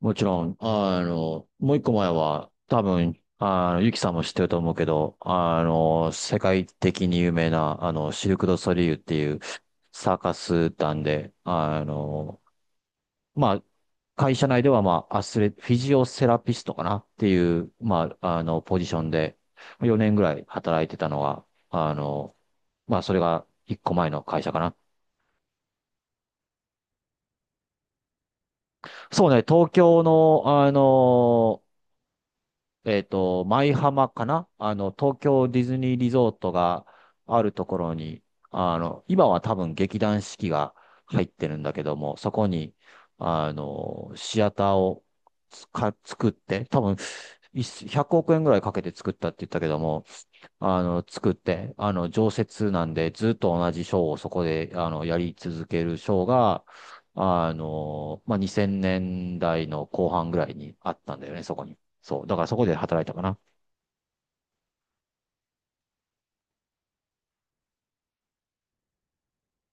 もちろん、もう一個前は、多分、ゆきさんも知ってると思うけど、世界的に有名な、シルク・ドゥ・ソリューっていうサーカス団で、まあ、会社内では、まあ、アスレ、フィジオセラピストかなっていう、まあ、ポジションで、4年ぐらい働いてたのが、まあ、それが一個前の会社かな。そうね、東京の、舞浜かな、東京ディズニーリゾートがあるところに、今は多分劇団四季が入ってるんだけども、そこに、シアターを作って、多分、100億円ぐらいかけて作ったって言ったけども、作って、常設なんで、ずっと同じショーをそこで、やり続けるショーが、まあ、2000年代の後半ぐらいにあったんだよね、そこに。そう。だからそこで働いたかな。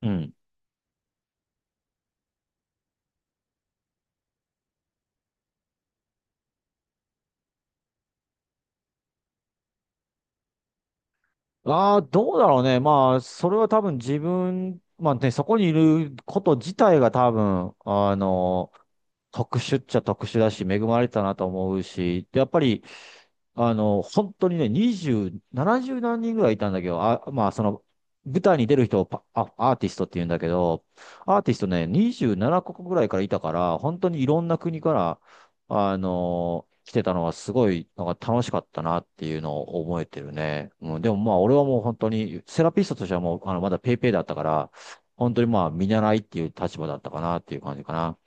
うん。ああ、どうだろうね。まあ、それは多分自分、まあね、そこにいること自体が多分、特殊っちゃ特殊だし、恵まれたなと思うし、でやっぱり、本当にね、2 70何人ぐらいいたんだけど、あ、まあ、その、舞台に出る人をアーティストって言うんだけど、アーティストね、27カ国ぐらいからいたから、本当にいろんな国から、来てたのはすごい、なんか楽しかったなっていうのを覚えてるね。うん、でもまあ、俺はもう本当に、セラピストとしてはもう、まだペイペイだったから、本当にまあ、見習いっていう立場だったかなっていう感じかな。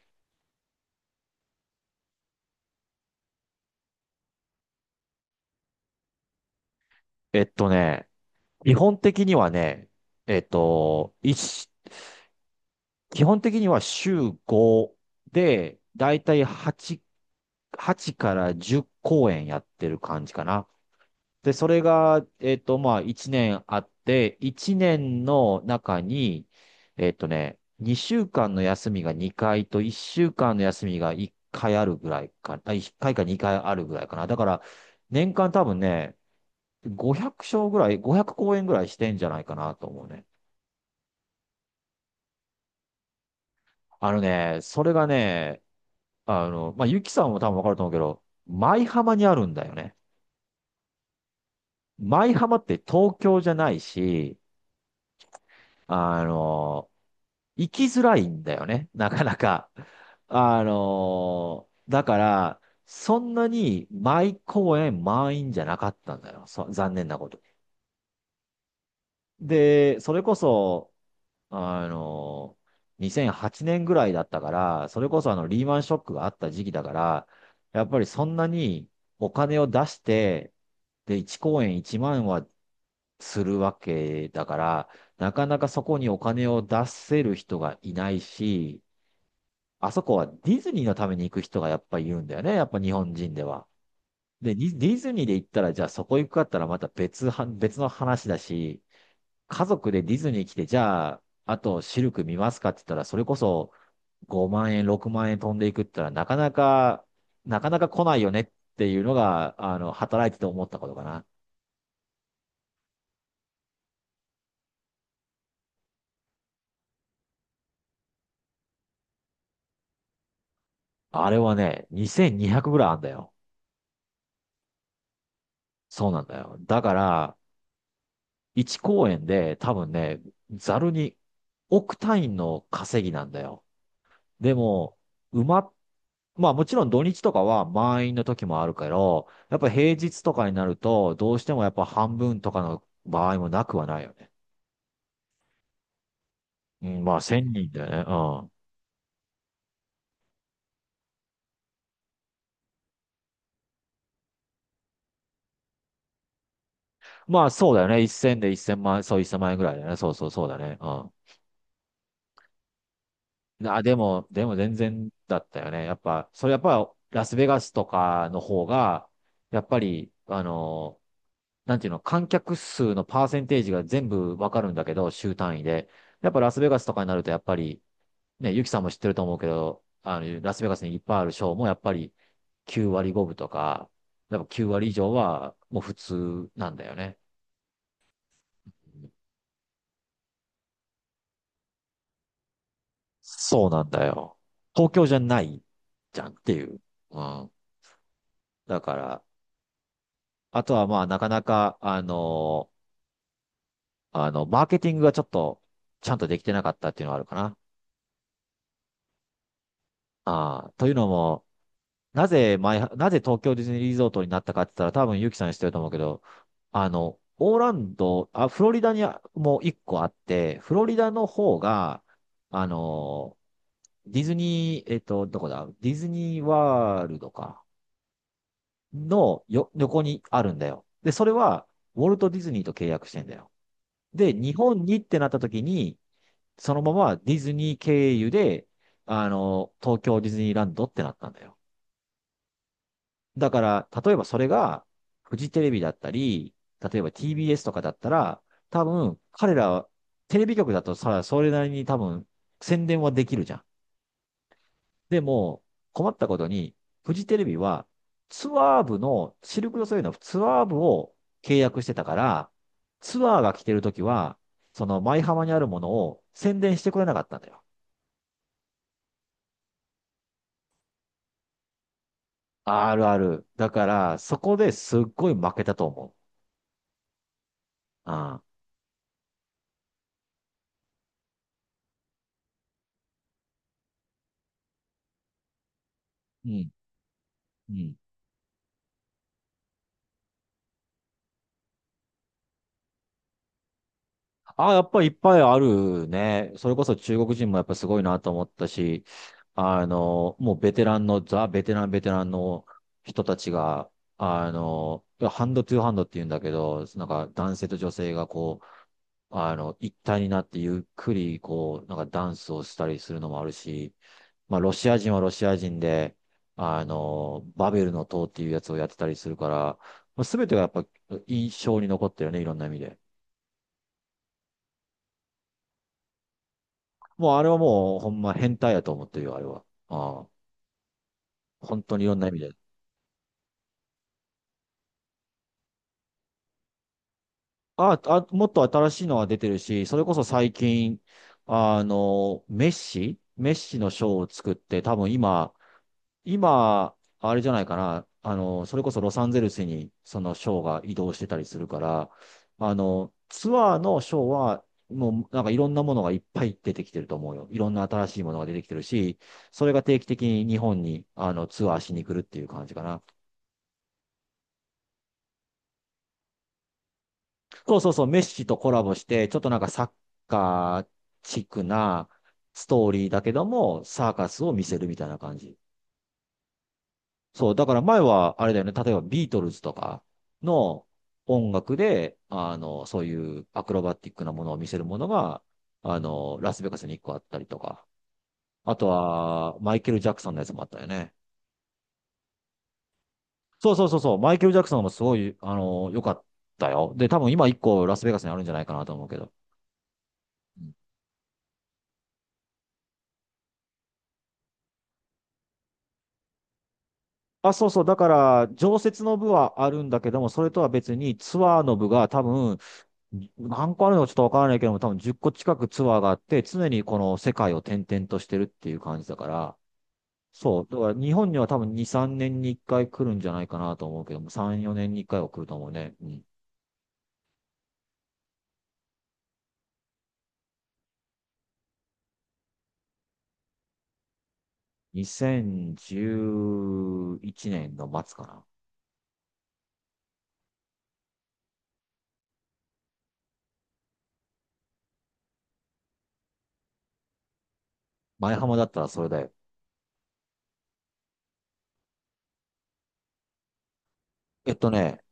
えっとね、基本的にはね、えっと、一基本的には週5で、だいたい8から10公演やってる感じかな。で、それが、まあ、1年あって、1年の中に、2週間の休みが2回と、1週間の休みが1回か2回あるぐらいかな。だから、年間多分ね、500公演ぐらいしてんじゃないかなと思うね。それがね、まあ、ゆきさんも多分わかると思うけど、舞浜にあるんだよね。舞浜って東京じゃないし、あの、行きづらいんだよね、なかなか。だから、そんなに舞公演満員じゃなかったんだよ。残念なことに。で、それこそ、あの、2008年ぐらいだったから、それこそあのリーマンショックがあった時期だから、やっぱりそんなにお金を出して、で、1公演1万はするわけだから、なかなかそこにお金を出せる人がいないし、あそこはディズニーのために行く人がやっぱりいるんだよね、やっぱ日本人では。で、ディズニーで行ったら、じゃあそこ行くかったらまた別の話だし、家族でディズニー来て、じゃあ、あとシルク見ますかって言ったら、それこそ5万円、6万円飛んでいくって言ったら、なかなか、なかなか来ないよねっていうのが、働いてて思ったことかな。あれはね、2200ぐらいあんだよ。そうなんだよ。だから、1公演で多分ね、ざるに億単位の稼ぎなんだよ。でも、埋まっ、まあもちろん土日とかは満員の時もあるけど、やっぱ平日とかになると、どうしてもやっぱ半分とかの場合もなくはないよね。うん、まあ1000人だよね。うん。まあそうだよね。1000で1000万円、そう1 0万円ぐらいだよね。そうそうそうだね。うん。でも全然だったよね。やっぱ、それやっぱラスベガスとかの方が、やっぱり、なんていうの、観客数のパーセンテージが全部わかるんだけど、週単位で。やっぱラスベガスとかになると、やっぱり、ね、ユキさんも知ってると思うけど、ラスベガスにいっぱいあるショーも、やっぱり9割5分とか、やっぱ9割以上はもう普通なんだよね。そうなんだよ。東京じゃないじゃんっていう。うん。だから、あとはまあ、なかなか、マーケティングがちょっと、ちゃんとできてなかったっていうのはあるかな。ああ、というのも、なぜ東京ディズニーリゾートになったかって言ったら、多分ユキさん知ってると思うけど、オーランド、あ、フロリダにもう一個あって、フロリダの方が、あの、ディズニー、どこだディズニーワールドか。のよ、横にあるんだよ。で、それは、ウォルト・ディズニーと契約してんだよ。で、日本にってなった時に、そのままディズニー経由で、東京ディズニーランドってなったんだよ。だから、例えばそれが、フジテレビだったり、例えば TBS とかだったら、多分、彼ら、テレビ局だとさ、それなりに多分、宣伝はできるじゃん。でも、困ったことに、フジテレビはツアー部の、シルク・ドゥソレイユのツアー部を契約してたから、ツアーが来てるときは、その舞浜にあるものを宣伝してくれなかったんだよ。あるある。だから、そこですっごい負けたと思う。ああ。うん。うん。あ、やっぱりいっぱいあるね。それこそ中国人もやっぱすごいなと思ったし、もうベテランの、ザ・ベテラン、ベテランの人たちが、ハンドトゥーハンドって言うんだけど、なんか男性と女性がこう、一体になってゆっくりこう、なんかダンスをしたりするのもあるし、まあ、ロシア人はロシア人で、バベルの塔っていうやつをやってたりするから、すべてがやっぱ印象に残ってるね、いろんな意味で。もうあれはもうほんま変態やと思ってるよ、あれは。ああ、本当にいろんな意味で。ああ、もっと新しいのが出てるし、それこそ最近、メッシのショーを作って、多分今、あれじゃないかな。それこそロサンゼルスにそのショーが移動してたりするから、ツアーのショーは、もうなんかいろんなものがいっぱい出てきてると思うよ。いろんな新しいものが出てきてるし、それが定期的に日本にあのツアーしに来るっていう感じかな。そうそうそう、メッシとコラボして、ちょっとなんかサッカーチックなストーリーだけども、サーカスを見せるみたいな感じ。そう、だから前はあれだよね、例えばビートルズとかの音楽で、そういうアクロバティックなものを見せるものが、ラスベガスに1個あったりとか、あとはマイケル・ジャクソンのやつもあったよね。そうそうそうそう、マイケル・ジャクソンもすごい、良かったよ。で、多分今1個ラスベガスにあるんじゃないかなと思うけど。あ、そうそう。だから、常設の部はあるんだけども、それとは別にツアーの部が多分、何個あるのかちょっとわからないけども、多分10個近くツアーがあって、常にこの世界を転々としてるっていう感じだから、そう。だから日本には多分2、3年に1回来るんじゃないかなと思うけども、3、4年に1回は来ると思うね。うん。2011年の末かな。前浜だったらそれだよ。えっとね、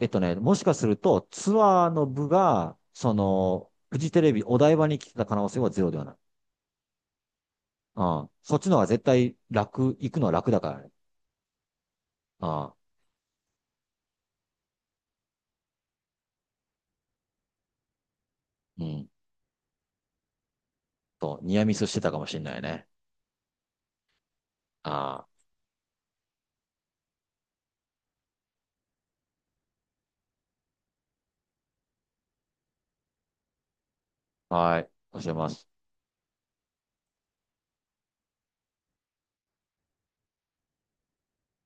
えっとね、もしかするとツアーの部が、その、フジテレビお台場に来てた可能性はゼロではない。うん。そっちの方が絶対楽、行くのは楽だからね。ああ、うん。と、ニアミスしてたかもしれないね。ああ、はい。教えます。